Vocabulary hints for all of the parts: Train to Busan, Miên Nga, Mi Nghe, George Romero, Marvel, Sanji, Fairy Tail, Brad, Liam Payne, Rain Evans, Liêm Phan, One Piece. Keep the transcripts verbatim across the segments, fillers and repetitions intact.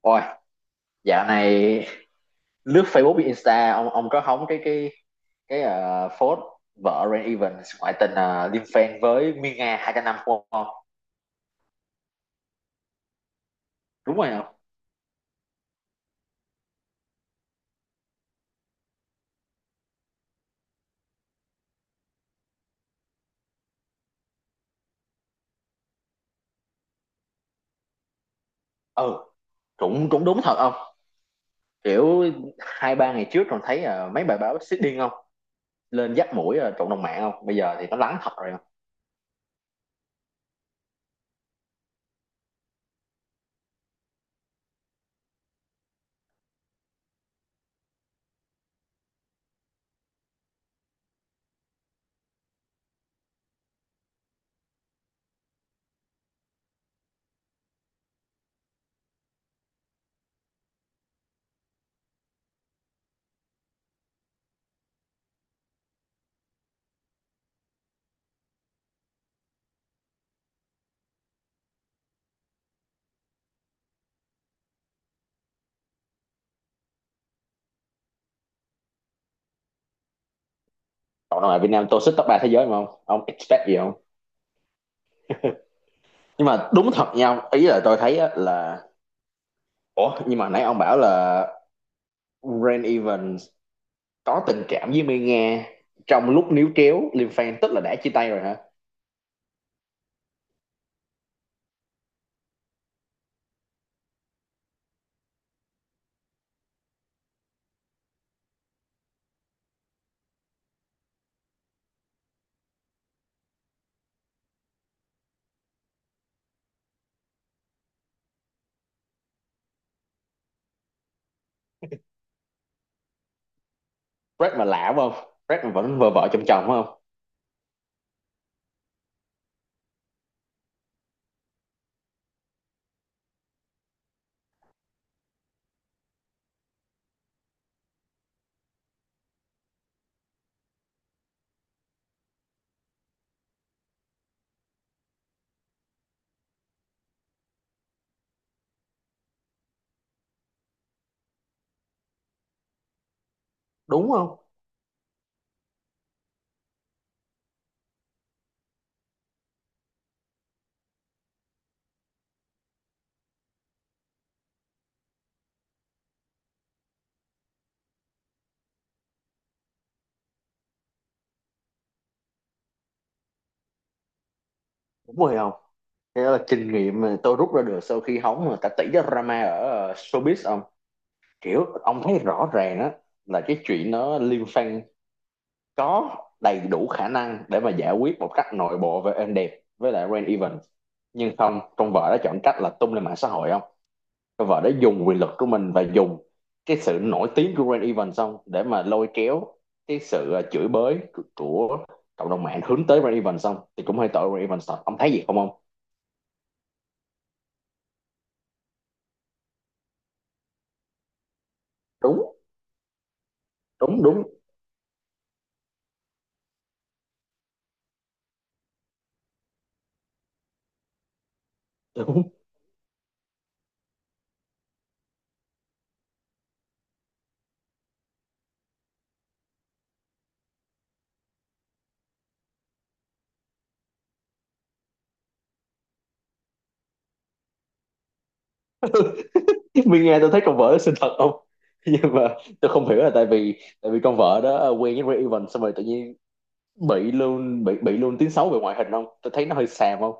Ôi, dạo này lướt Facebook với Insta ông ông có hóng cái cái cái uh, phốt vợ Rain Evans ngoại tình, ờ, liên fan với Miên Nga hai trăm năm không ông? Đúng rồi không? Ừ, cũng cũng đúng thật không? Kiểu hai ba ngày trước còn thấy ờ, mấy bài báo xích điên không? Lên dắt mũi, uh, cộng đồng mạng không? Bây giờ thì nó lắng thật rồi không? Cộng đồng mạng Việt Nam tôi xích top ba thế giới mà không? Ông expect gì không? Nhưng mà đúng thật nha, ông. Ý là tôi thấy á là, ủa, nhưng mà nãy ông bảo là Rain Evans có tình cảm với Mai Nga trong lúc níu kéo Liêm Phan, tức là đã chia tay rồi hả? Brad mà lạ phải không? Brad mà vẫn vợ vợ chồng chồng phải không? Đúng không? Đúng rồi không? Thế là kinh nghiệm mà tôi rút ra được sau khi hóng người ta tỉ cái drama ở ờ, showbiz ông, kiểu ông thấy rõ ràng đó, là cái chuyện nó Liêm Phan có đầy đủ khả năng để mà giải quyết một cách nội bộ và êm đẹp với lại Rain Evans, nhưng không, con vợ đã chọn cách là tung lên mạng xã hội ông. Cái vở đó dùng quyền lực của mình và dùng cái sự nổi tiếng của Rain Event xong để mà lôi kéo cái sự ờ, chửi bới của cộng đồng mạng hướng tới Rain Event, xong thì cũng hơi tội Rain Event thật. Ông thấy gì không ông? Đúng, đúng, đúng, đúng. Mình nghe tôi thấy con vợ đó xinh thật không? Nhưng mà tôi không hiểu là, tại vì tại vì con vợ đó ờ, quen với Rain Event xong rồi tự nhiên bị luôn, bị bị luôn tiếng xấu về ngoại hình không? Tôi thấy nó hơi xàm không?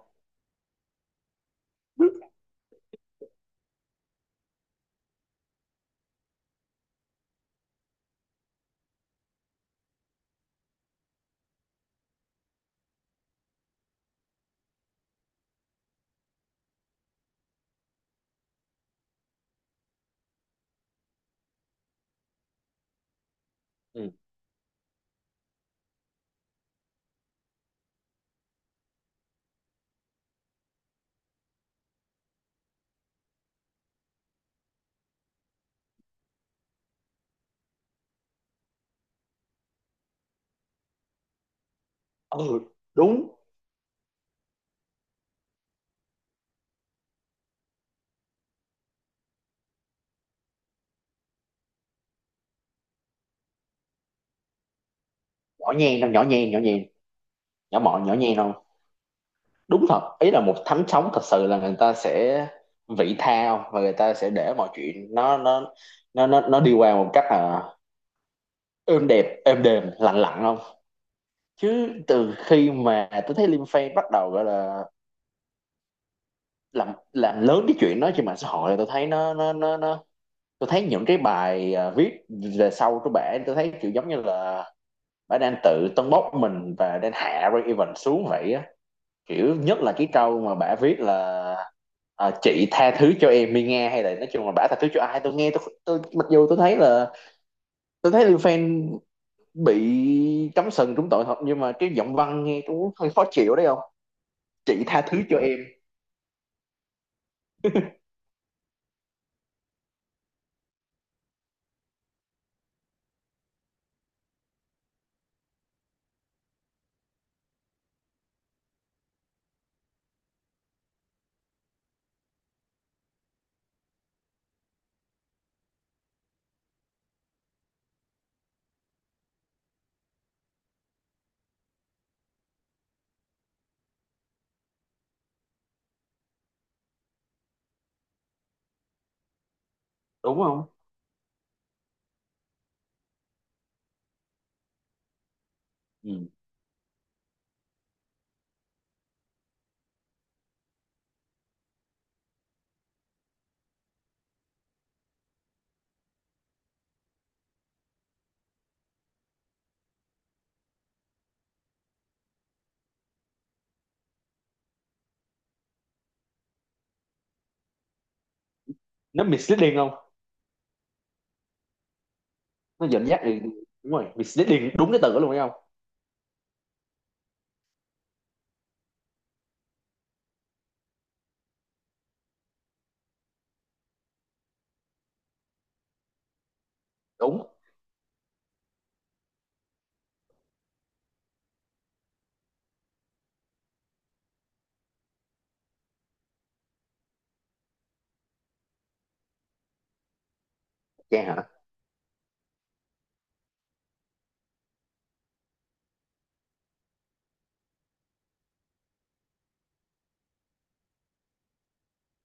Ừ, ừ, đúng. Nhỏ nhen không? Nhỏ nhen, nhỏ nhen. Nhỏ mọn, nhỏ nhen không? Đúng thật, ý là một thánh sống thật sự là người ta sẽ vị tha và người ta sẽ để mọi chuyện nó nó nó nó, nó đi qua một cách là êm đẹp, êm đềm, lặng lặng không. Chứ từ khi mà tôi thấy Liam Payne bắt đầu gọi là làm làm lớn cái chuyện đó trên mạng xã hội là tôi thấy nó nó nó nó tôi thấy những cái bài à, viết về sau của bả tôi thấy kiểu giống như là bả đang tự tâng bốc mình và đang hạ Ray Evans xuống vậy á. Kiểu nhất là cái câu mà bả viết là, à, chị tha thứ cho em đi nghe, hay là nói chung là bả tha thứ cho ai, tôi nghe, tôi, tôi mặc dù tôi thấy là tôi thấy lưu Fan bị cắm sừng trúng tội thật, nhưng mà cái giọng văn nghe cũng hơi khó chịu đấy không. Chị tha thứ cho em, đúng không, ừ. Nó misleading không? Nó dẫn dắt thì đúng rồi, misleading đúng cái từ đó luôn đấy không. Đúng, cha hả?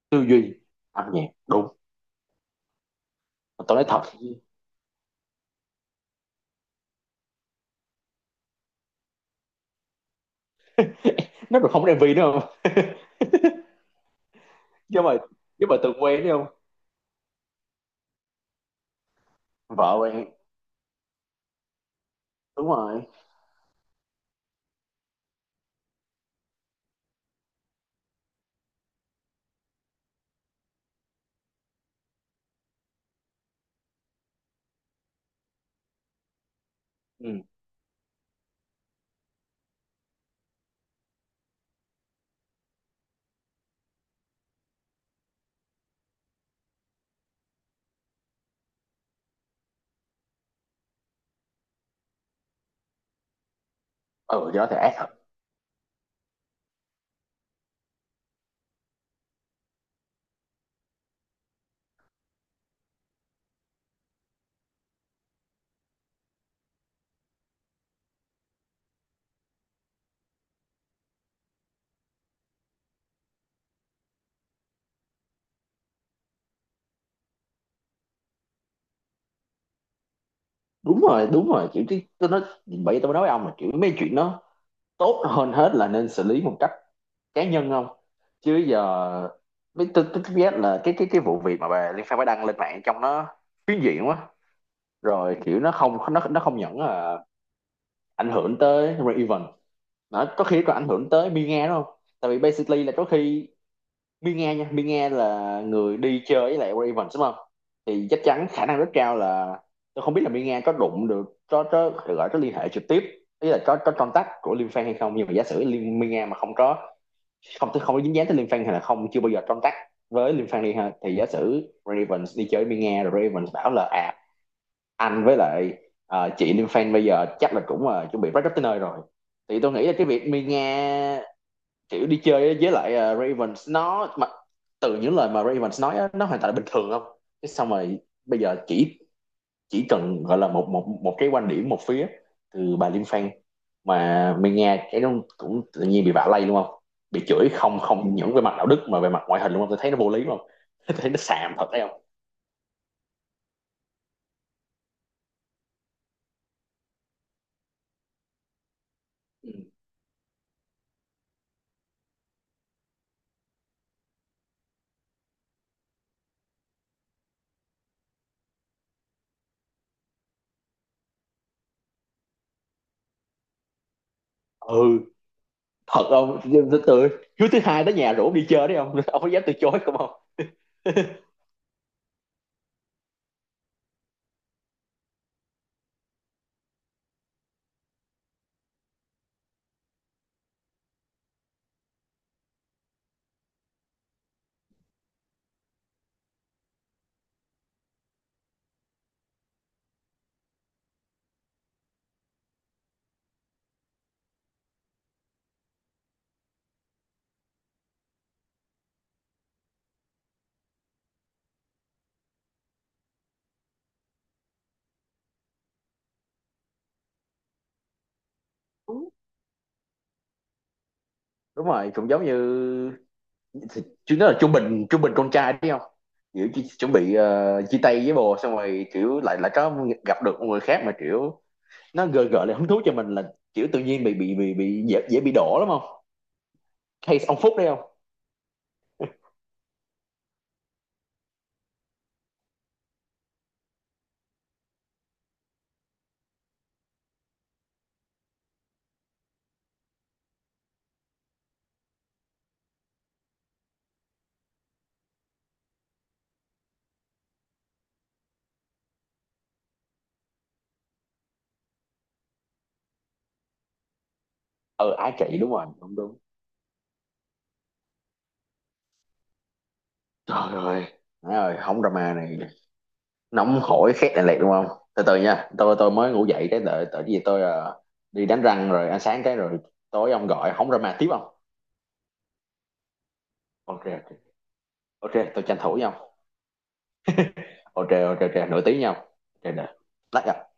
Tư duy âm nhạc, đúng. Mà tôi nói thật, nó còn không có em vê nữa không. chứ mà chứ mà từ quen đấy không, vợ quen. Đúng rồi. Ừ, ừ, thì nó thể ác thật. Đúng rồi, đúng rồi, kiểu, chứ tôi nói, bởi vì tôi mới nói với ông là kiểu mấy chuyện nó tốt hơn hết là nên xử lý một cách cá nhân không. Chứ giờ mấy, tôi tôi tôi biết là cái cái cái vụ việc mà bà Liên Phan mới đăng lên mạng trong nó phiến diện quá rồi. Kiểu nó không, nó nó không những là ảnh hưởng tới Ray Evans, nó có khi còn ảnh hưởng tới Mia đúng không. Tại vì basically là có khi Mi Nghe, nha, Mi Nghe là người đi chơi với lại Ray Evans đúng không? Thì chắc chắn khả năng rất cao là, tôi không biết là Mi Nghe có đụng được, có có gọi, có liên hệ trực tiếp, ý là có có contact của Liêm Phan hay không, nhưng mà giả sử Liêm Mi Nghe mà không có, không không có dính dáng tới Liêm Phan, hay là không chưa bao giờ contact với Liêm Phan đi ha, thì giả sử Ray Evans đi chơi với Mi Nghe rồi Ray Evans bảo là à, anh với lại à, chị Liêm Phan bây giờ chắc là cũng uh, chuẩn bị break up tới nơi rồi, thì tôi nghĩ là cái việc Mi Nghe kiểu đi chơi với lại à, Ravens nó mà từ những lời mà Ravens nói á, nó hoàn toàn bình thường không. Thế xong rồi bây giờ chỉ chỉ cần gọi là một, một một cái quan điểm một phía từ bà Liên Phan mà mình nghe cái nó cũng tự nhiên bị vạ lây đúng không. Bị chửi không, không những về mặt đạo đức mà về mặt ngoại hình đúng không, tôi thấy nó vô lý không. Tôi thấy nó xàm thật đấy không. Ừ, ừ, thật không. Từ thứ thứ hai đó nhà rủ đi chơi đấy không. Ông có dám từ chối không, không. Đúng rồi, cũng giống như, chứ nó là trung bình, trung bình con trai đấy không. Kiểu chỉ, chuẩn bị ờ, chia tay với bồ xong rồi kiểu lại lại có gặp được một người khác mà kiểu nó gợi gợi lại hứng thú cho mình là kiểu tự nhiên bị bị bị bị dễ, dễ bị đổ lắm không, case ông Phúc đấy không. Ờ ai chị, đúng rồi, đúng, đúng. Trời ơi, má ơi không, drama này nóng hổi, khét này lẹt đúng không. Từ từ nha, tôi tôi mới ngủ dậy cái, đợi đợi cái gì, tôi ờ, đi đánh răng rồi ăn sáng cái rồi tối ông gọi không, drama tiếp không. Ok ok, ok tôi tranh thủ nhau, ok ok ok, nửa tiếng nhau, ok nè, lát gặp.